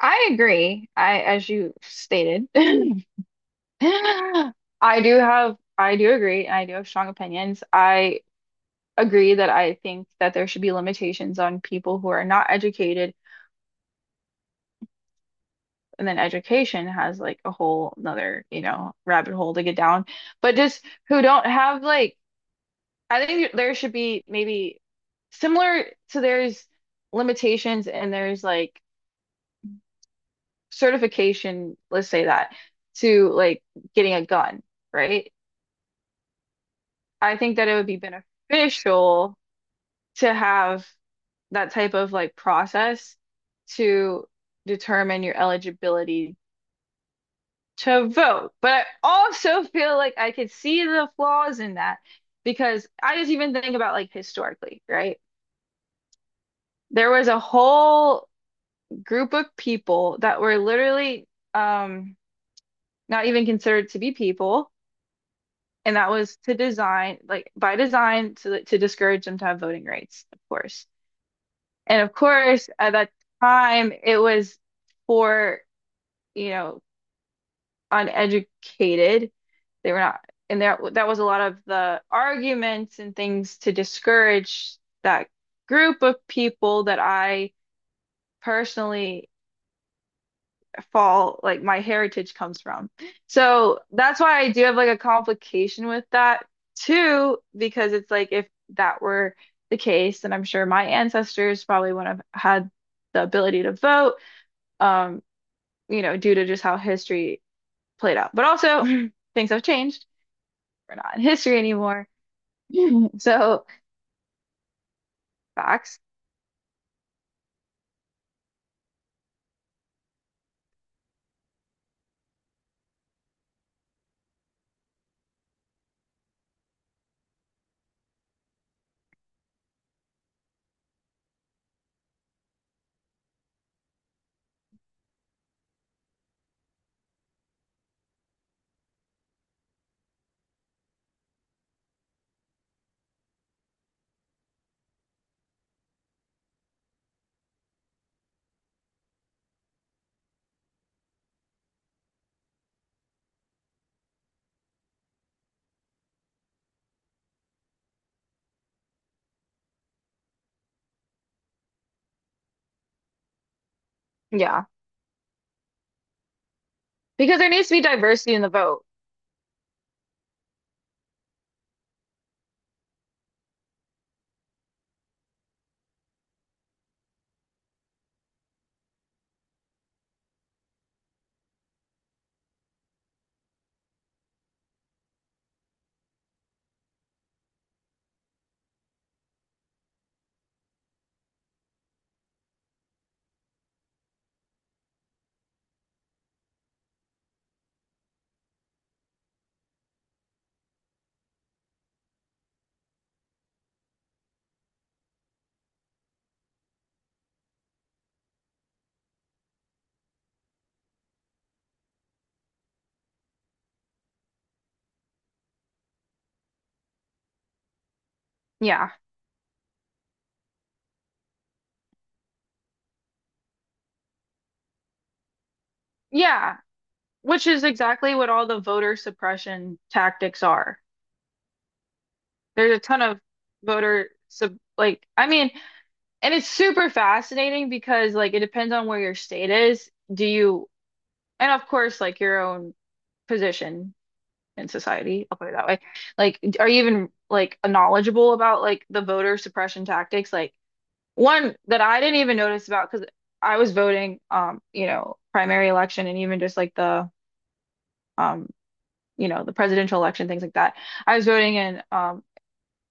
I agree. I, as you stated, I do have, I do agree. I do have strong opinions. I agree that I think that there should be limitations on people who are not educated. And then education has like a whole another, rabbit hole to get down. But just who don't have like, I think there should be maybe similar to there's limitations and there's like certification, let's say that, to like getting a gun, right? I think that it would be beneficial to have that type of like process to determine your eligibility to vote. But I also feel like I could see the flaws in that because I just even think about like historically, right? There was a whole group of people that were literally um, not even considered to be people, and that was to design, like by design, to discourage them to have voting rights, of course. And of course, at that time, it was for, you know, uneducated. They were not, and there that was a lot of the arguments and things to discourage that group of people that I personally fall, like my heritage comes from. So that's why I do have like a complication with that too, because it's like if that were the case, then I'm sure my ancestors probably wouldn't have had the ability to vote. Um, due to just how history played out. But also, things have changed. We're not in history anymore. So, facts. Yeah. Because there needs to be diversity in the vote. Yeah. Yeah. Which is exactly what all the voter suppression tactics are. There's a ton of voter sub like I mean, and it's super fascinating because like it depends on where your state is. Do you and of course like your own position in society. I'll put it that way. Like, are you even like knowledgeable about like the voter suppression tactics? Like one that I didn't even notice about because I was voting, primary election and even just like the, um, the presidential election, things like that. I was voting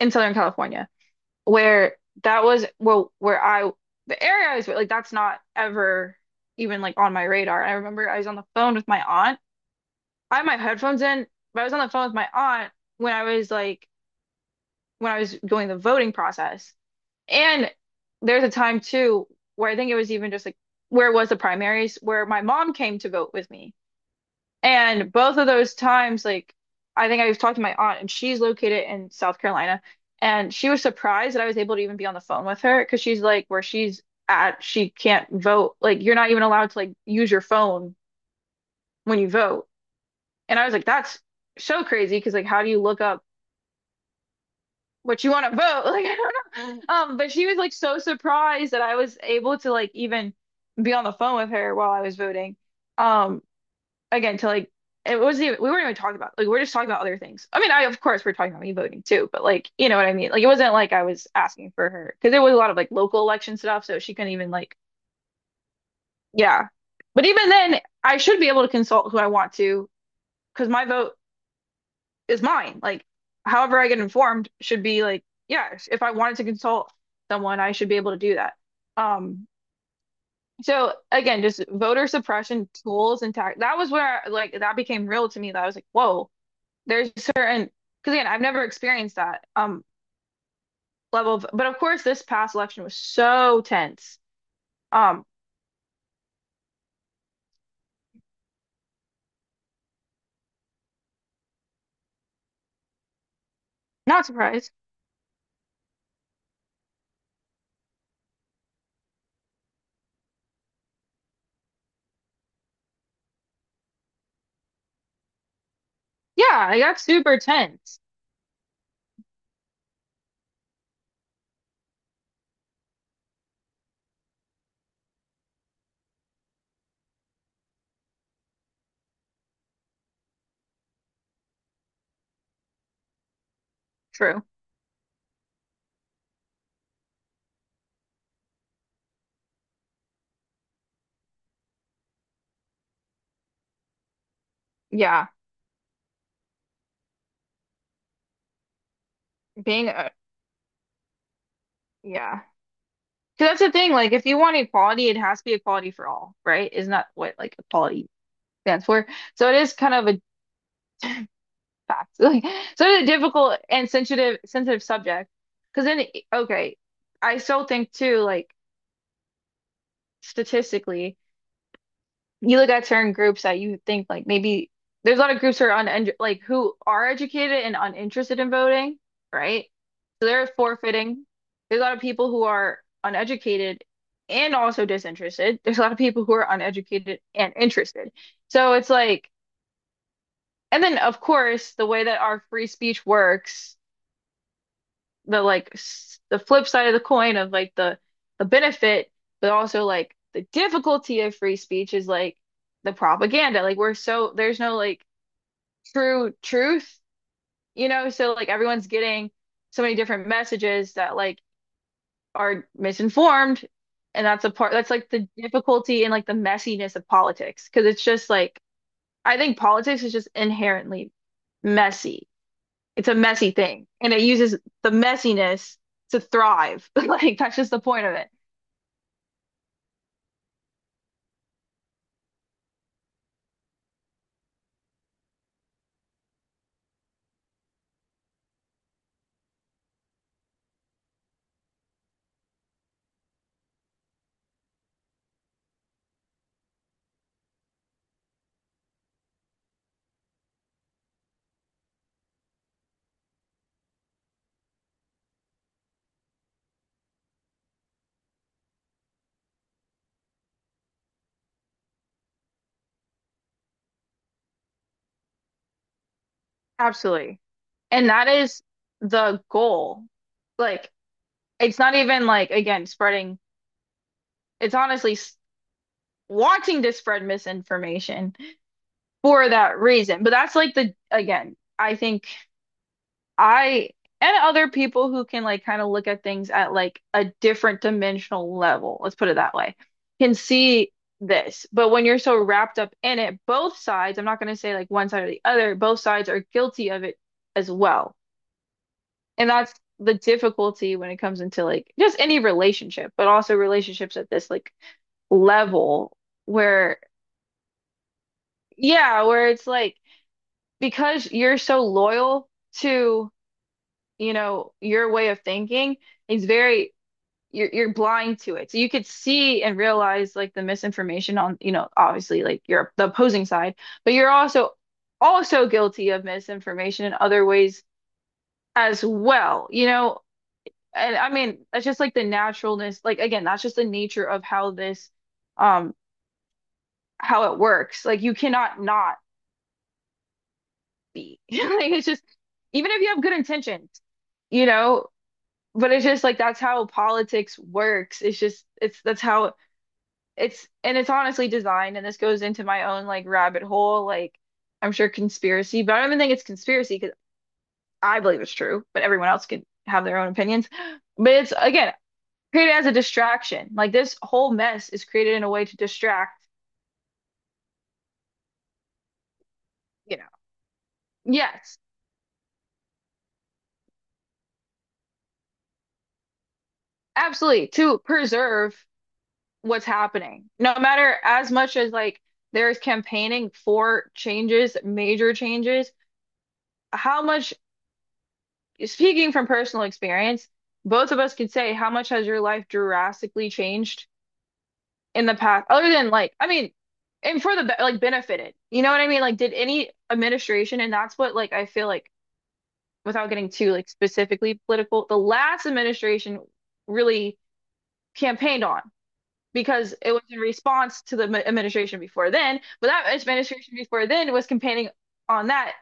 in Southern California where that was, well, where I, the area I was, like, that's not ever even like on my radar. And I remember I was on the phone with my aunt. I had my headphones in, but I was on the phone with my aunt when I was like when I was going the voting process. And there's a time too where I think it was even just like where it was the primaries where my mom came to vote with me. And both of those times, like I think I was talking to my aunt and she's located in South Carolina and she was surprised that I was able to even be on the phone with her because she's like where she's at, she can't vote. Like you're not even allowed to like use your phone when you vote. And I was like, that's so crazy because like how do you look up what you want to vote like I don't know but she was like so surprised that I was able to like even be on the phone with her while I was voting um again to like it wasn't even we weren't even talking about like we're just talking about other things I mean I of course we're talking about me voting too but like you know what I mean like it wasn't like I was asking for her because there was a lot of like local election stuff so she couldn't even like yeah but even then I should be able to consult who I want to because my vote is mine. Like, however I get informed should be like, yeah, if I wanted to consult someone, I should be able to do that. Um, so again, just voter suppression tools and tact. That was where like that became real to me. That I was like, whoa, there's certain because again, I've never experienced that level of. But of course, this past election was so tense. Um, not surprised. Yeah, I got super tense. True. Yeah, being a yeah. 'Cause that's the thing, like if you want equality, it has to be equality for all, right? Isn't that what like equality stands for? So it is kind of a fact. Like so it's a difficult and sensitive subject. Because then okay, I still think too, like statistically. You look at certain groups that you think like maybe there's a lot of groups who are un like who are educated and uninterested in voting, right? So they're forfeiting. There's a lot of people who are uneducated and also disinterested. There's a lot of people who are uneducated and interested. So it's like, and then of course, the way that our free speech works the like s- the flip side of the coin of like the benefit, but also like the difficulty of free speech is like the propaganda. Like we're so there's no like true truth, you know? So like everyone's getting so many different messages that like are misinformed, and that's a part that's like the difficulty and like the messiness of politics because it's just like I think politics is just inherently messy. It's a messy thing, and it uses the messiness to thrive. Like that's just the point of it. Absolutely. And that is the goal. Like it's not even like again spreading. It's honestly s- wanting to spread misinformation for that reason. But that's like the again, I think I and other people who can like kind of look at things at like a different dimensional level, let's put it that way, can see this. But when you're so wrapped up in it, both sides, I'm not going to say like one side or the other, both sides are guilty of it as well. And that's the difficulty when it comes into like just any relationship, but also relationships at this like level where, yeah, where it's like because you're so loyal to, your way of thinking. It's very you're blind to it. So you could see and realize like the misinformation on, obviously like you're the opposing side, but you're also also guilty of misinformation in other ways as well, you know. And I mean, that's just like the naturalness, like again, that's just the nature of how this um how it works. Like you cannot not be. Like it's just even if you have good intentions, you know, but it's just like that's how politics works. It's just it's that's how it's and it's honestly designed, and this goes into my own like rabbit hole, like I'm sure conspiracy, but I don't even think it's conspiracy because I believe it's true, but everyone else can have their own opinions. But it's again created as a distraction. Like this whole mess is created in a way to distract, you know. Yes, absolutely, to preserve what's happening. No matter as much as like there's campaigning for changes, major changes, how much speaking from personal experience, both of us could say how much has your life drastically changed in the past, other than like, I mean, and for the be- like benefited. You know what I mean? Like, did any administration, and that's what like I feel like without getting too like specifically political, the last administration really campaigned on because it was in response to the m- administration before then, but that administration before then was campaigning on that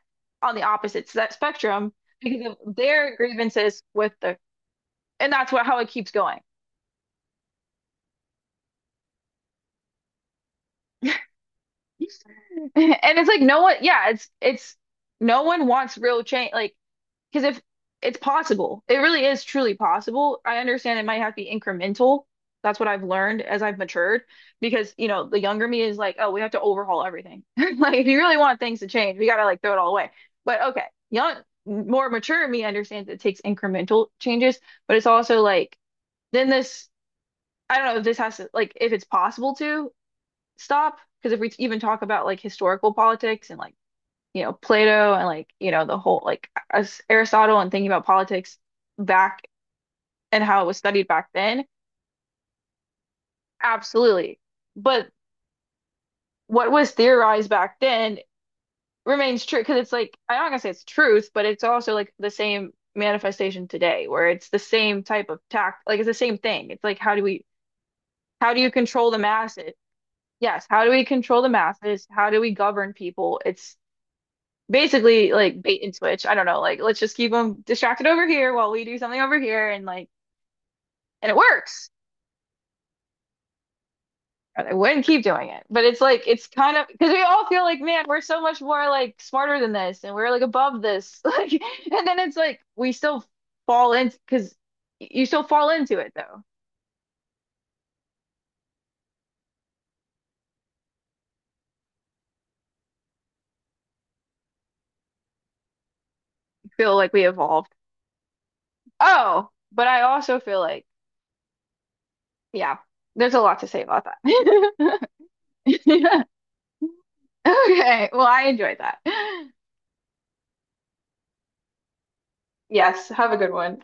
on the opposite s- that spectrum because of their grievances with the and that's what how it keeps going. And it's like no one, yeah, it's no one wants real change, like because if it's possible, it really is truly possible. I understand it might have to be incremental. That's what I've learned as I've matured, because you know the younger me is like, oh, we have to overhaul everything. Like if you really want things to change, we gotta like throw it all away. But okay, young, more mature me understands it takes incremental changes, but it's also like then this. I don't know if this has to like if it's possible to stop because if we even talk about like historical politics and like you know Plato and like you know the whole like as Aristotle and thinking about politics back and how it was studied back then, absolutely. But what was theorized back then remains true because it's like I'm not gonna say it's truth, but it's also like the same manifestation today where it's the same type of tact, like it's the same thing. It's like how do we how do you control the masses? Yes, how do we control the masses? How do we govern people? It's basically like bait and switch. I don't know, like let's just keep them distracted over here while we do something over here and like and it works. And I wouldn't keep doing it. But it's like it's kind of because we all feel like, man, we're so much more like smarter than this and we're like above this. Like and then it's like we still fall into because you still fall into it though. You feel like we evolved. Oh, but I also feel like, yeah, there's a lot to say about that. Yeah. Okay, well, I enjoyed that. Yes, have a good one.